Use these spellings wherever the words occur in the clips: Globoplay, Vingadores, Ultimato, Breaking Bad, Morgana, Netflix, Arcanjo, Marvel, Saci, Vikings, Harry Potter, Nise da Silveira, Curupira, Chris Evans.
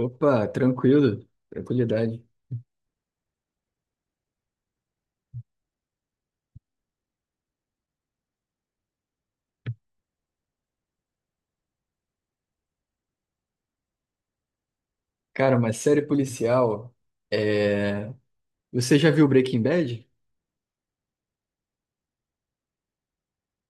Opa, tranquilo, tranquilidade. Cara, uma série policial. É... Você já viu Breaking Bad?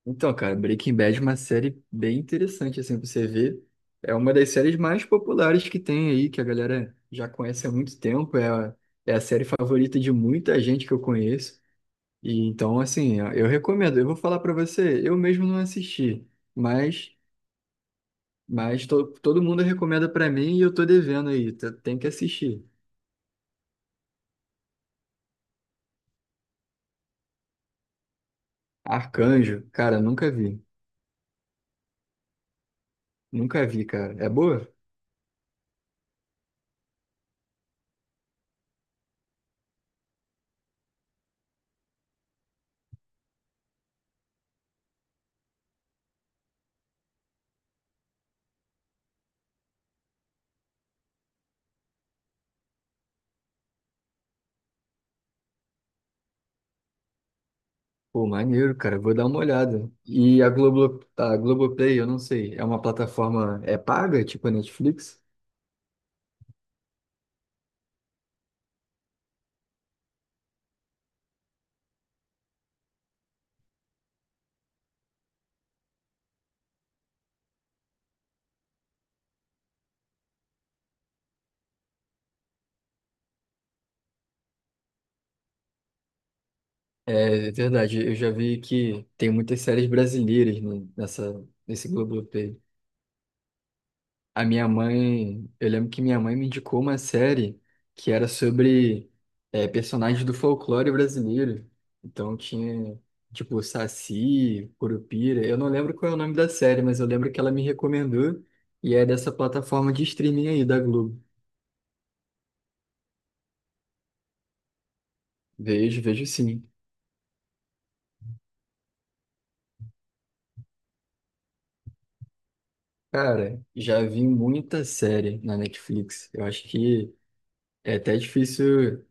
Então, cara, Breaking Bad é uma série bem interessante, assim, pra você ver. É uma das séries mais populares que tem aí, que a galera já conhece há muito tempo. É a série favorita de muita gente que eu conheço. E então, assim, eu recomendo. Eu vou falar pra você, eu mesmo não assisti, mas, mas todo mundo recomenda pra mim e eu tô devendo aí. Tem que assistir. Arcanjo, cara, nunca vi. Nunca vi, cara. É boa? Pô, maneiro, cara. Vou dar uma olhada. E a Globo, tá, a Globoplay, eu não sei. É uma plataforma, é paga, tipo a Netflix? É, é verdade. Eu já vi que tem muitas séries brasileiras nessa, nesse Globoplay. A minha mãe, eu lembro que minha mãe me indicou uma série que era sobre personagens do folclore brasileiro. Então tinha, tipo, Saci, Curupira. Eu não lembro qual é o nome da série, mas eu lembro que ela me recomendou e é dessa plataforma de streaming aí da Globo. Vejo, vejo sim. Cara, já vi muita série na Netflix. Eu acho que é até difícil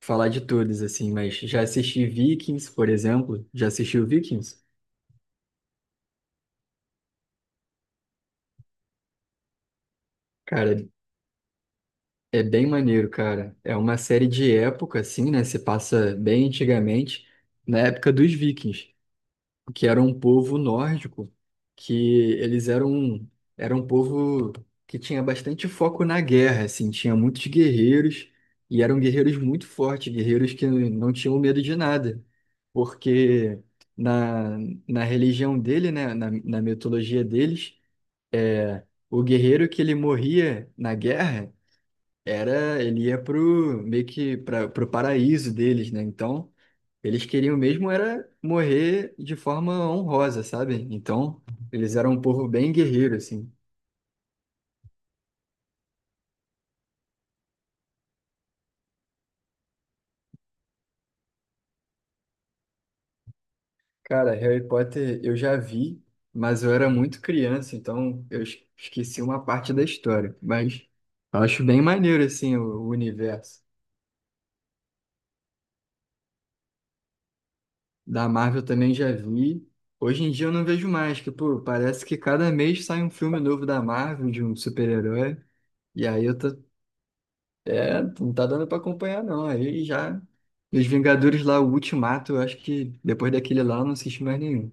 falar de todas, assim, mas já assisti Vikings, por exemplo. Já assistiu Vikings? Cara, É bem maneiro, cara. É uma série de época, assim, né? Se passa bem antigamente, na época dos Vikings, que era um povo nórdico, que eles eram, era um povo que tinha bastante foco na guerra, assim, tinha muitos guerreiros, e eram guerreiros muito fortes, guerreiros que não tinham medo de nada, porque na, na religião dele, né? Na mitologia deles, o guerreiro que ele morria na guerra ele ia pro meio que para pro paraíso deles, né? Então, eles queriam mesmo era morrer de forma honrosa, sabe? Então, eles eram um povo bem guerreiro assim. Cara, Harry Potter eu já vi, mas eu era muito criança, então eu esqueci uma parte da história, mas eu acho bem maneiro assim o universo. Da Marvel também já vi. Hoje em dia eu não vejo mais, que pô, parece que cada mês sai um filme novo da Marvel de um super-herói. E aí eu tô É, não tá dando pra acompanhar, não. Aí já. Os Vingadores lá, o Ultimato, eu acho que depois daquele lá eu não assisti mais nenhum.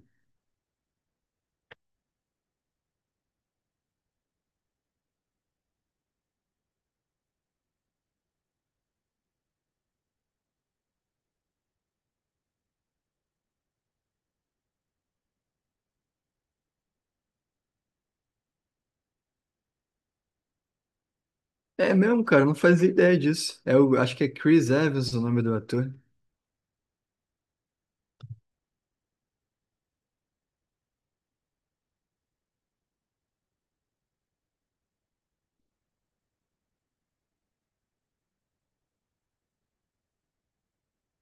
É mesmo, cara, não fazia ideia disso. É, o acho que é Chris Evans o nome do ator.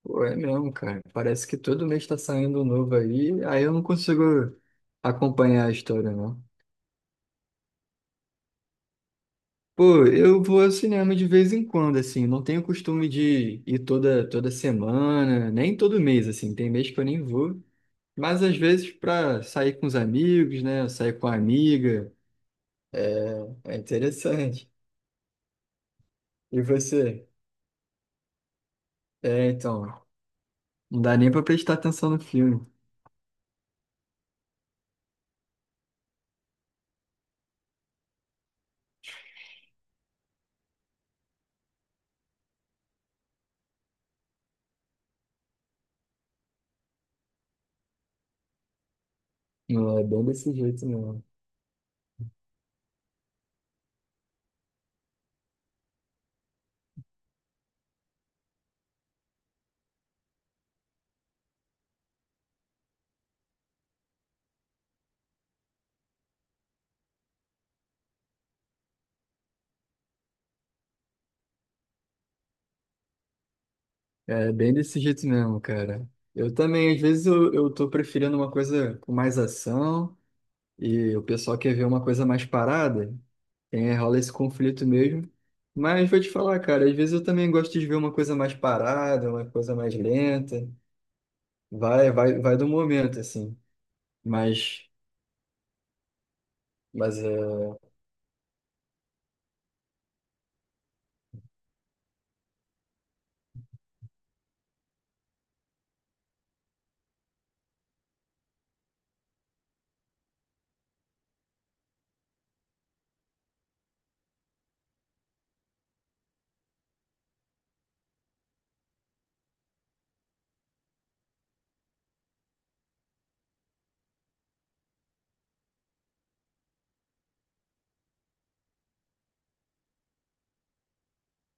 Pô, é mesmo, cara. Parece que todo mês tá saindo um novo aí, aí eu não consigo acompanhar a história, não. Pô, eu vou ao cinema de vez em quando, assim, não tenho costume de ir toda, toda semana, nem todo mês, assim, tem mês que eu nem vou. Mas às vezes para sair com os amigos, né? Sair com a amiga, é interessante. E você? É, então, não dá nem para prestar atenção no filme. Não, é bem desse jeito mesmo. É bem desse jeito mesmo, cara. Eu também, às vezes, eu tô preferindo uma coisa com mais ação e o pessoal quer ver uma coisa mais parada. Tem, rola esse conflito mesmo. Mas vou te falar, cara, às vezes eu também gosto de ver uma coisa mais parada, uma coisa mais lenta. Vai, vai, vai do momento, assim. Mas, mas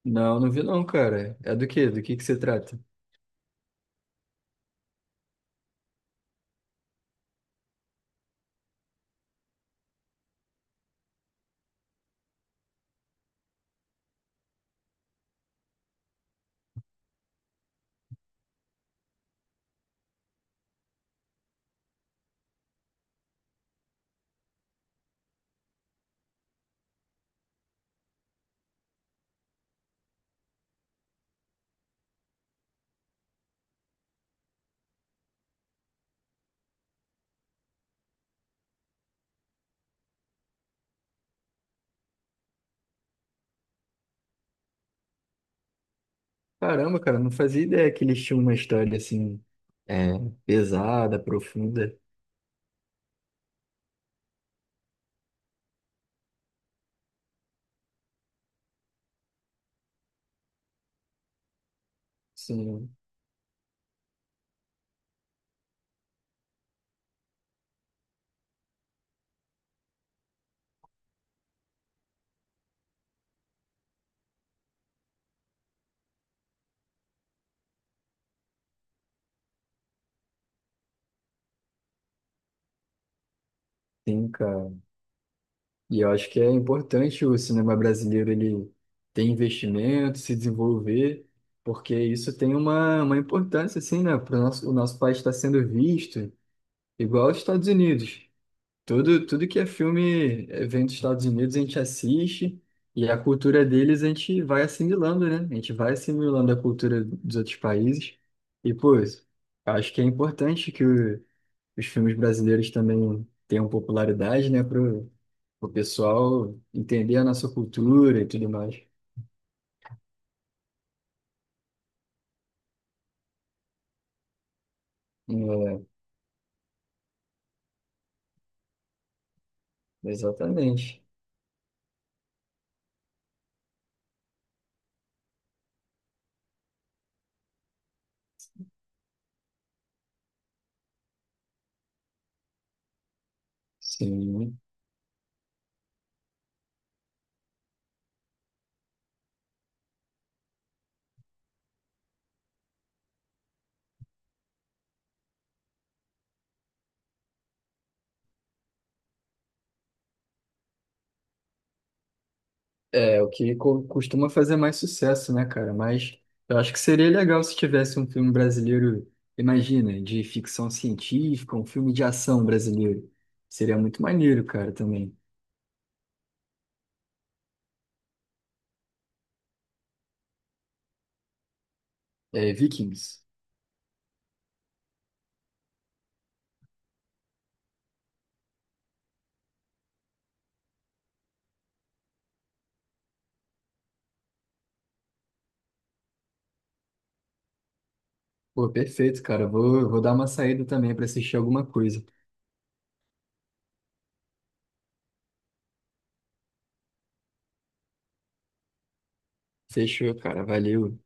Não, não vi não, cara. É do quê? Do que se trata? Caramba, cara, não fazia ideia que eles tinham uma história assim, é, pesada, profunda. Sim, sim, cara. E eu acho que é importante o cinema brasileiro ele ter investimento, se desenvolver, porque isso tem uma importância, assim, né? Pro nosso, o nosso país está sendo visto igual aos Estados Unidos. Tudo, tudo que é filme, vem dos Estados Unidos, a gente assiste e a cultura deles a gente vai assimilando, né? A gente vai assimilando a cultura dos outros países. E, pô, acho que é importante que os filmes brasileiros também tenham popularidade, né? Para o pessoal entender a nossa cultura e tudo mais. É, exatamente. Sim. É, o que costuma fazer mais sucesso, né, cara? Mas eu acho que seria legal se tivesse um filme brasileiro, imagina, de ficção científica, um filme de ação brasileiro. Seria muito maneiro, cara, também. É, Vikings. Pô, perfeito, cara. Vou, vou dar uma saída também para assistir alguma coisa. Fechou, cara. Valeu.